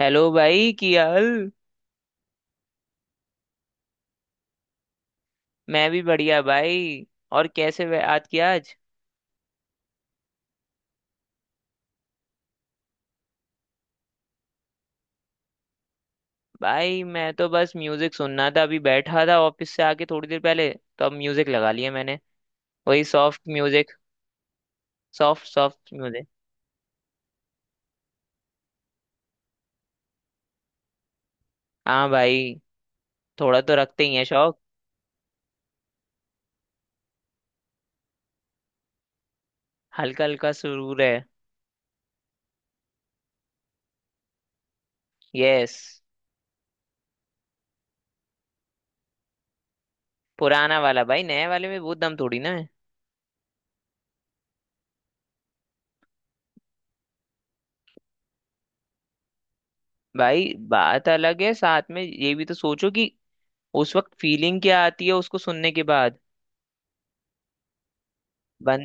Hello भाई, क्या हाल। मैं भी बढ़िया भाई। और कैसे याद किया आज। भाई मैं तो बस म्यूजिक सुनना था, अभी बैठा था ऑफिस से आके थोड़ी देर पहले, तो अब म्यूजिक लगा लिया मैंने। वही soft music. Soft soft music. हाँ भाई, थोड़ा तो रखते ही है शौक। हल्का हल्का सुरूर है। यस। पुराना वाला भाई, नए वाले में वो दम थोड़ी ना है। भाई बात अलग है, साथ में ये भी तो सोचो कि उस वक्त फीलिंग क्या आती है उसको सुनने के बाद। बन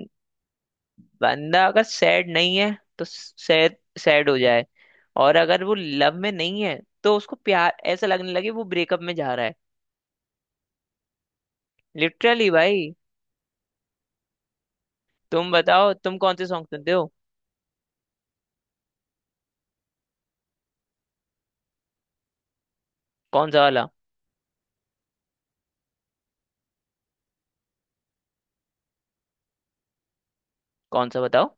बंदा अगर सैड नहीं है तो सैड सैड हो जाए। और अगर वो लव में नहीं है तो उसको प्यार ऐसा लगने लगे वो ब्रेकअप में जा रहा है। लिटरली भाई। तुम बताओ तुम कौन से सॉन्ग सुनते हो। कौन सा वाला। कौन सा बताओ।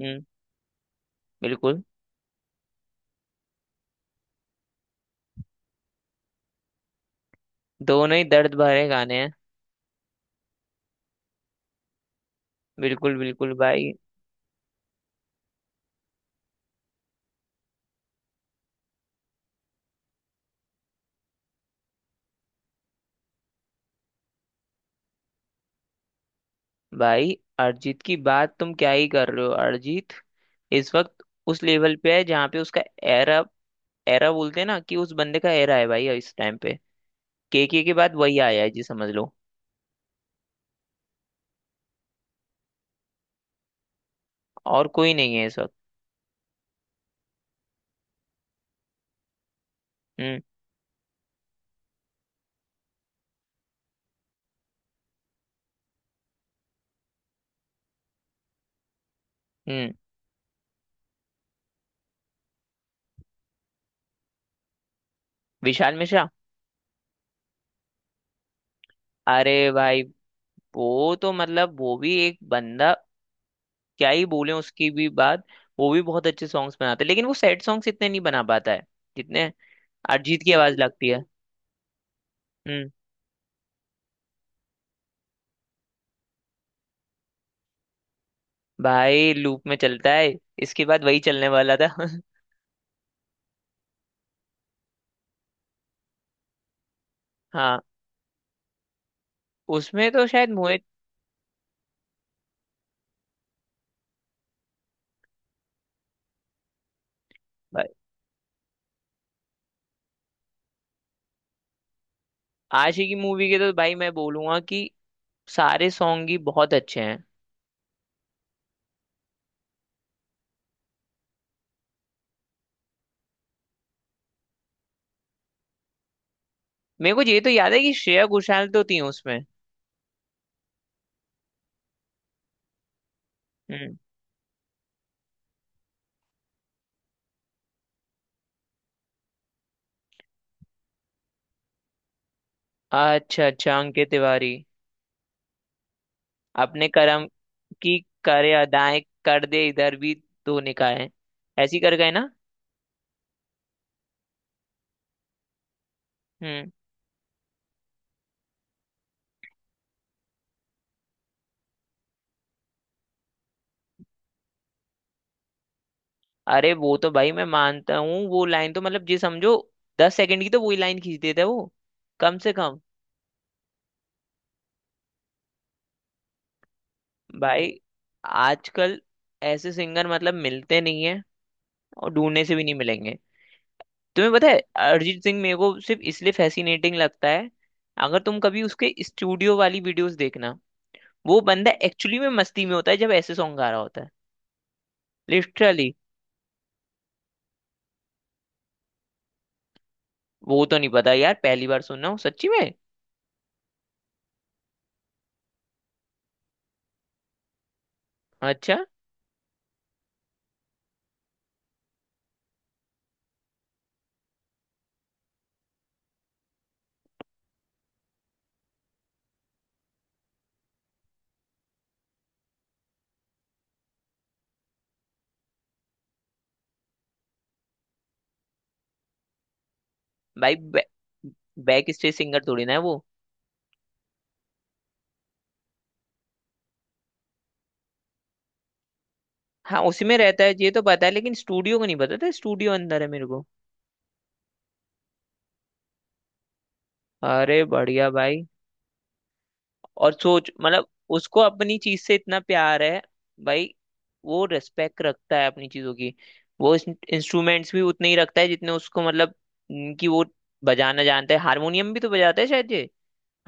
हम्म। बिल्कुल। दोनों ही दर्द भरे गाने हैं। बिल्कुल बिल्कुल भाई। भाई अरिजीत की बात तुम क्या ही कर रहे हो। अरिजीत इस वक्त उस लेवल पे है जहाँ पे उसका एरा, बोलते हैं ना कि उस बंदे का एरा है भाई इस टाइम पे। केके के बाद वही आया है जी समझ लो। और कोई नहीं है इस वक्त। हम्म। हम्म। विशाल मिश्रा। अरे भाई, वो तो मतलब वो भी एक बंदा, क्या ही बोले उसकी भी बात। वो भी बहुत अच्छे सॉन्ग्स बनाते हैं लेकिन वो सैड सॉन्ग्स इतने नहीं बना पाता है जितने अरिजीत की आवाज लगती है। हम्म। भाई लूप में चलता है, इसके बाद वही चलने वाला था। हाँ, उसमें तो शायद मोहित। भाई, आशिकी मूवी के तो भाई मैं बोलूंगा कि सारे सॉन्ग ही बहुत अच्छे हैं। मेरे को ये तो याद है कि श्रेया घोषाल तो थी उसमें। हम्म। अच्छा अच्छा, अंकित तिवारी। अपने कर्म की करे अदाएं, कर दे इधर भी, दो निकाय ऐसी कर गए ना। हम्म। अरे वो तो भाई मैं मानता हूँ, वो लाइन तो मतलब जी समझो 10 सेकंड की तो वही लाइन खींच देता है वो, कम से कम। भाई आजकल ऐसे सिंगर मतलब मिलते नहीं है, और ढूंढने से भी नहीं मिलेंगे। तुम्हें पता है, अरिजीत सिंह मेरे को सिर्फ इसलिए फैसिनेटिंग लगता है, अगर तुम कभी उसके स्टूडियो वाली वीडियोस देखना, वो बंदा एक्चुअली में मस्ती में होता है जब ऐसे सॉन्ग गा रहा होता है। लिटरली। वो तो नहीं पता यार, पहली बार सुन रहा हूँ सच्ची में। अच्छा भाई। बैक स्टेज सिंगर थोड़ी ना है वो। हाँ उसी में रहता है ये तो पता है, लेकिन स्टूडियो को नहीं पता था, स्टूडियो अंदर है मेरे को। अरे बढ़िया भाई। और सोच मतलब, उसको अपनी चीज से इतना प्यार है भाई, वो रिस्पेक्ट रखता है अपनी चीजों की। वो इंस्ट्रूमेंट्स भी उतने ही रखता है जितने उसको मतलब कि वो बजाना जानता है। हारमोनियम भी तो बजाता है शायद,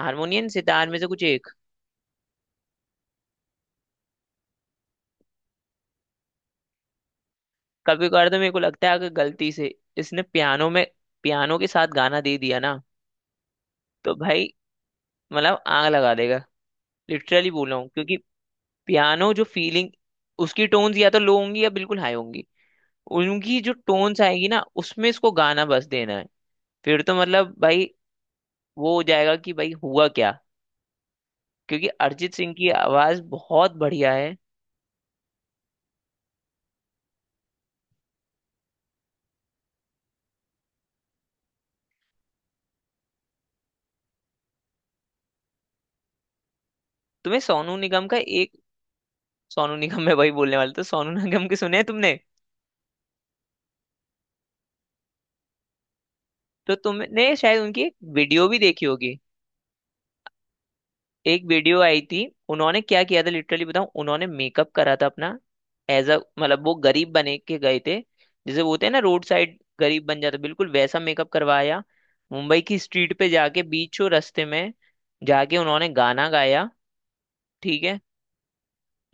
हारमोनियम सितार में से कुछ एक। कभी कभार तो मेरे को लगता है अगर गलती से इसने पियानो में, पियानो के साथ गाना दे दिया ना, तो भाई मतलब आग लगा देगा। लिटरली बोल रहा हूँ, क्योंकि पियानो जो फीलिंग, उसकी टोन्स या तो लो होंगी या बिल्कुल हाई होंगी, उनकी जो टोन्स आएगी ना उसमें इसको गाना बस देना है। फिर तो मतलब भाई वो हो जाएगा कि भाई हुआ क्या। क्योंकि अरिजीत सिंह की आवाज बहुत बढ़िया है। तुम्हें सोनू निगम का एक, सोनू निगम में वही बोलने वाला था। सोनू निगम के सुने हैं तुमने, तो तुमने शायद उनकी एक वीडियो भी देखी होगी। एक वीडियो आई थी। उन्होंने क्या किया था लिटरली बताऊं, उन्होंने मेकअप करा था अपना, एज अ मतलब वो गरीब बने के गए थे। जैसे वो होते हैं ना रोड साइड गरीब, बन जाते बिल्कुल वैसा, मेकअप करवाया, मुंबई की स्ट्रीट पे जाके बीचों रास्ते में जाके उन्होंने गाना गाया। ठीक है।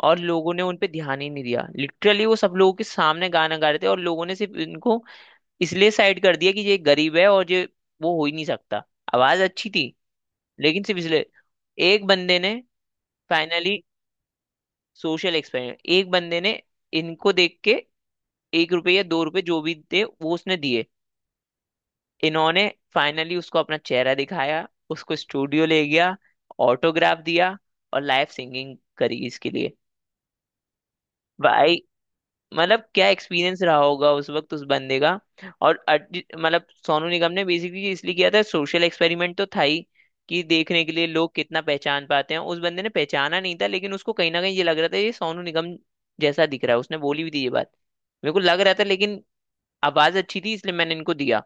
और लोगों ने उन पे ध्यान ही नहीं दिया। लिटरली वो सब लोगों के सामने गाना गा रहे थे और लोगों ने सिर्फ इनको इसलिए साइड कर दिया कि ये गरीब है और ये वो हो ही नहीं सकता। आवाज अच्छी थी, लेकिन सिर्फ इसलिए। एक बंदे ने फाइनली, सोशल एक्सपेरिमेंट, एक बंदे ने इनको देख के 1 रुपये या 2 रुपये जो भी थे वो उसने दिए। इन्होंने फाइनली उसको अपना चेहरा दिखाया, उसको स्टूडियो ले गया, ऑटोग्राफ दिया, और लाइव सिंगिंग करी इसके लिए। भाई मतलब क्या एक्सपीरियंस रहा होगा उस वक्त उस बंदे का। और मतलब सोनू निगम ने बेसिकली इसलिए किया था, सोशल एक्सपेरिमेंट तो था ही, कि देखने के लिए लोग कितना पहचान पाते हैं। उस बंदे ने पहचाना नहीं था, लेकिन उसको कहीं ना कहीं ये लग रहा था ये सोनू निगम जैसा दिख रहा है, उसने बोली भी थी ये बात, मेरे को लग रहा था, लेकिन आवाज अच्छी थी इसलिए मैंने इनको दिया,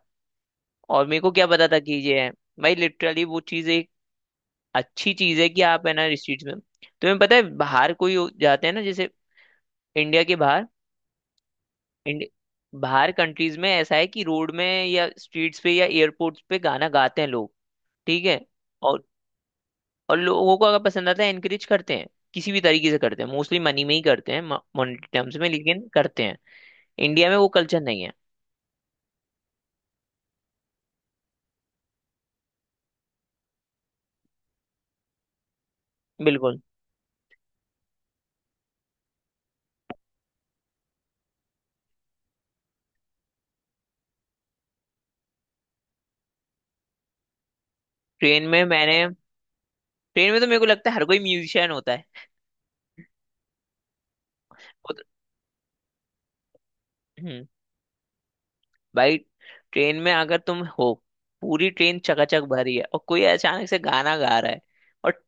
और मेरे को क्या पता था कि ये है। भाई लिटरली वो चीज एक अच्छी चीज है कि आप है ना स्ट्रीट्स में। तुम्हें पता है बाहर कोई जाते हैं ना, जैसे इंडिया के बाहर, इंड- बाहर कंट्रीज में ऐसा है कि रोड में या स्ट्रीट्स पे या एयरपोर्ट्स पे गाना गाते हैं लोग। ठीक है। और और लोगों को अगर पसंद आता है एनकरेज करते हैं, किसी भी तरीके से करते हैं, मोस्टली मनी में ही करते हैं, मॉनेटरी टर्म्स में, लेकिन करते हैं। इंडिया में वो कल्चर नहीं है। बिल्कुल। ट्रेन में मैंने, ट्रेन में तो मेरे को लगता है हर कोई म्यूजिशियन होता है। वो तो, हम्म, भाई ट्रेन में अगर तुम हो, पूरी ट्रेन चकाचक भरी है और कोई अचानक से गाना गा रहा है, और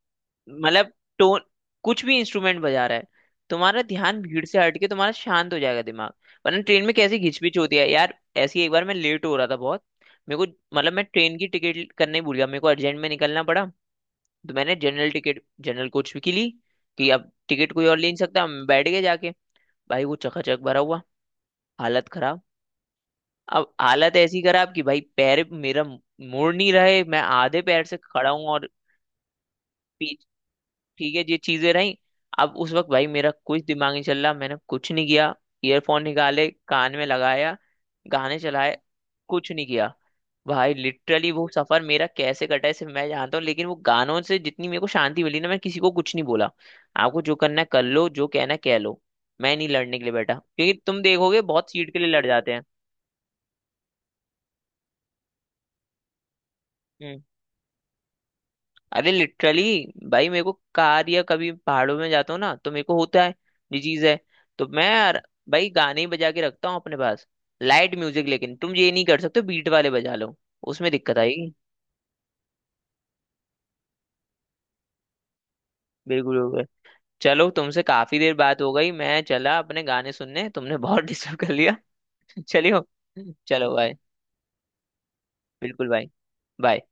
मतलब टोन, कुछ भी इंस्ट्रूमेंट बजा रहा है, तुम्हारा ध्यान भीड़ से हट के, तुम्हारा शांत हो जाएगा दिमाग। वरना ट्रेन में कैसी घिचपिच होती है यार। ऐसी एक बार मैं लेट हो रहा था बहुत, मेरे को मतलब मैं ट्रेन की टिकट करने ही भूल गया, मेरे को अर्जेंट में निकलना पड़ा, तो मैंने जनरल टिकट, जनरल कोच की ली, कि अब टिकट कोई और ले नहीं सकता, मैं बैठ गया जाके। भाई वो चकाचक भरा हुआ, हालत खराब। अब हालत ऐसी खराब कि भाई पैर मेरा मुड़ नहीं रहे, मैं आधे पैर से खड़ा हूँ और ठीक है ये चीजें रही। अब उस वक्त भाई मेरा कुछ दिमाग नहीं चल रहा, मैंने कुछ नहीं किया, ईयरफोन निकाले, कान में लगाया, गाने चलाए, कुछ नहीं किया। भाई लिटरली वो सफर मेरा कैसे कटा है सिर्फ मैं जानता हूँ, लेकिन वो गानों से जितनी मेरे को शांति मिली ना, मैं किसी को कुछ नहीं बोला। आपको जो करना है कर लो, जो कहना है कह लो, मैं नहीं लड़ने के लिए बैठा, क्योंकि तुम देखोगे बहुत सीट के लिए लड़ जाते हैं। अरे लिटरली, भाई मेरे को कार या कभी पहाड़ों में जाता हूँ ना तो मेरे को होता है ये चीज है। तो मैं यार भाई गाने ही बजा के रखता हूँ अपने पास, लाइट म्यूजिक। लेकिन तुम ये नहीं कर सकते बीट वाले बजा लो, उसमें दिक्कत आएगी। बिल्कुल बिल्कुल। चलो तुमसे काफी देर बात हो गई, मैं चला अपने गाने सुनने, तुमने बहुत डिस्टर्ब कर लिया। चलियो। चलो भाई। बिल्कुल भाई। बाय।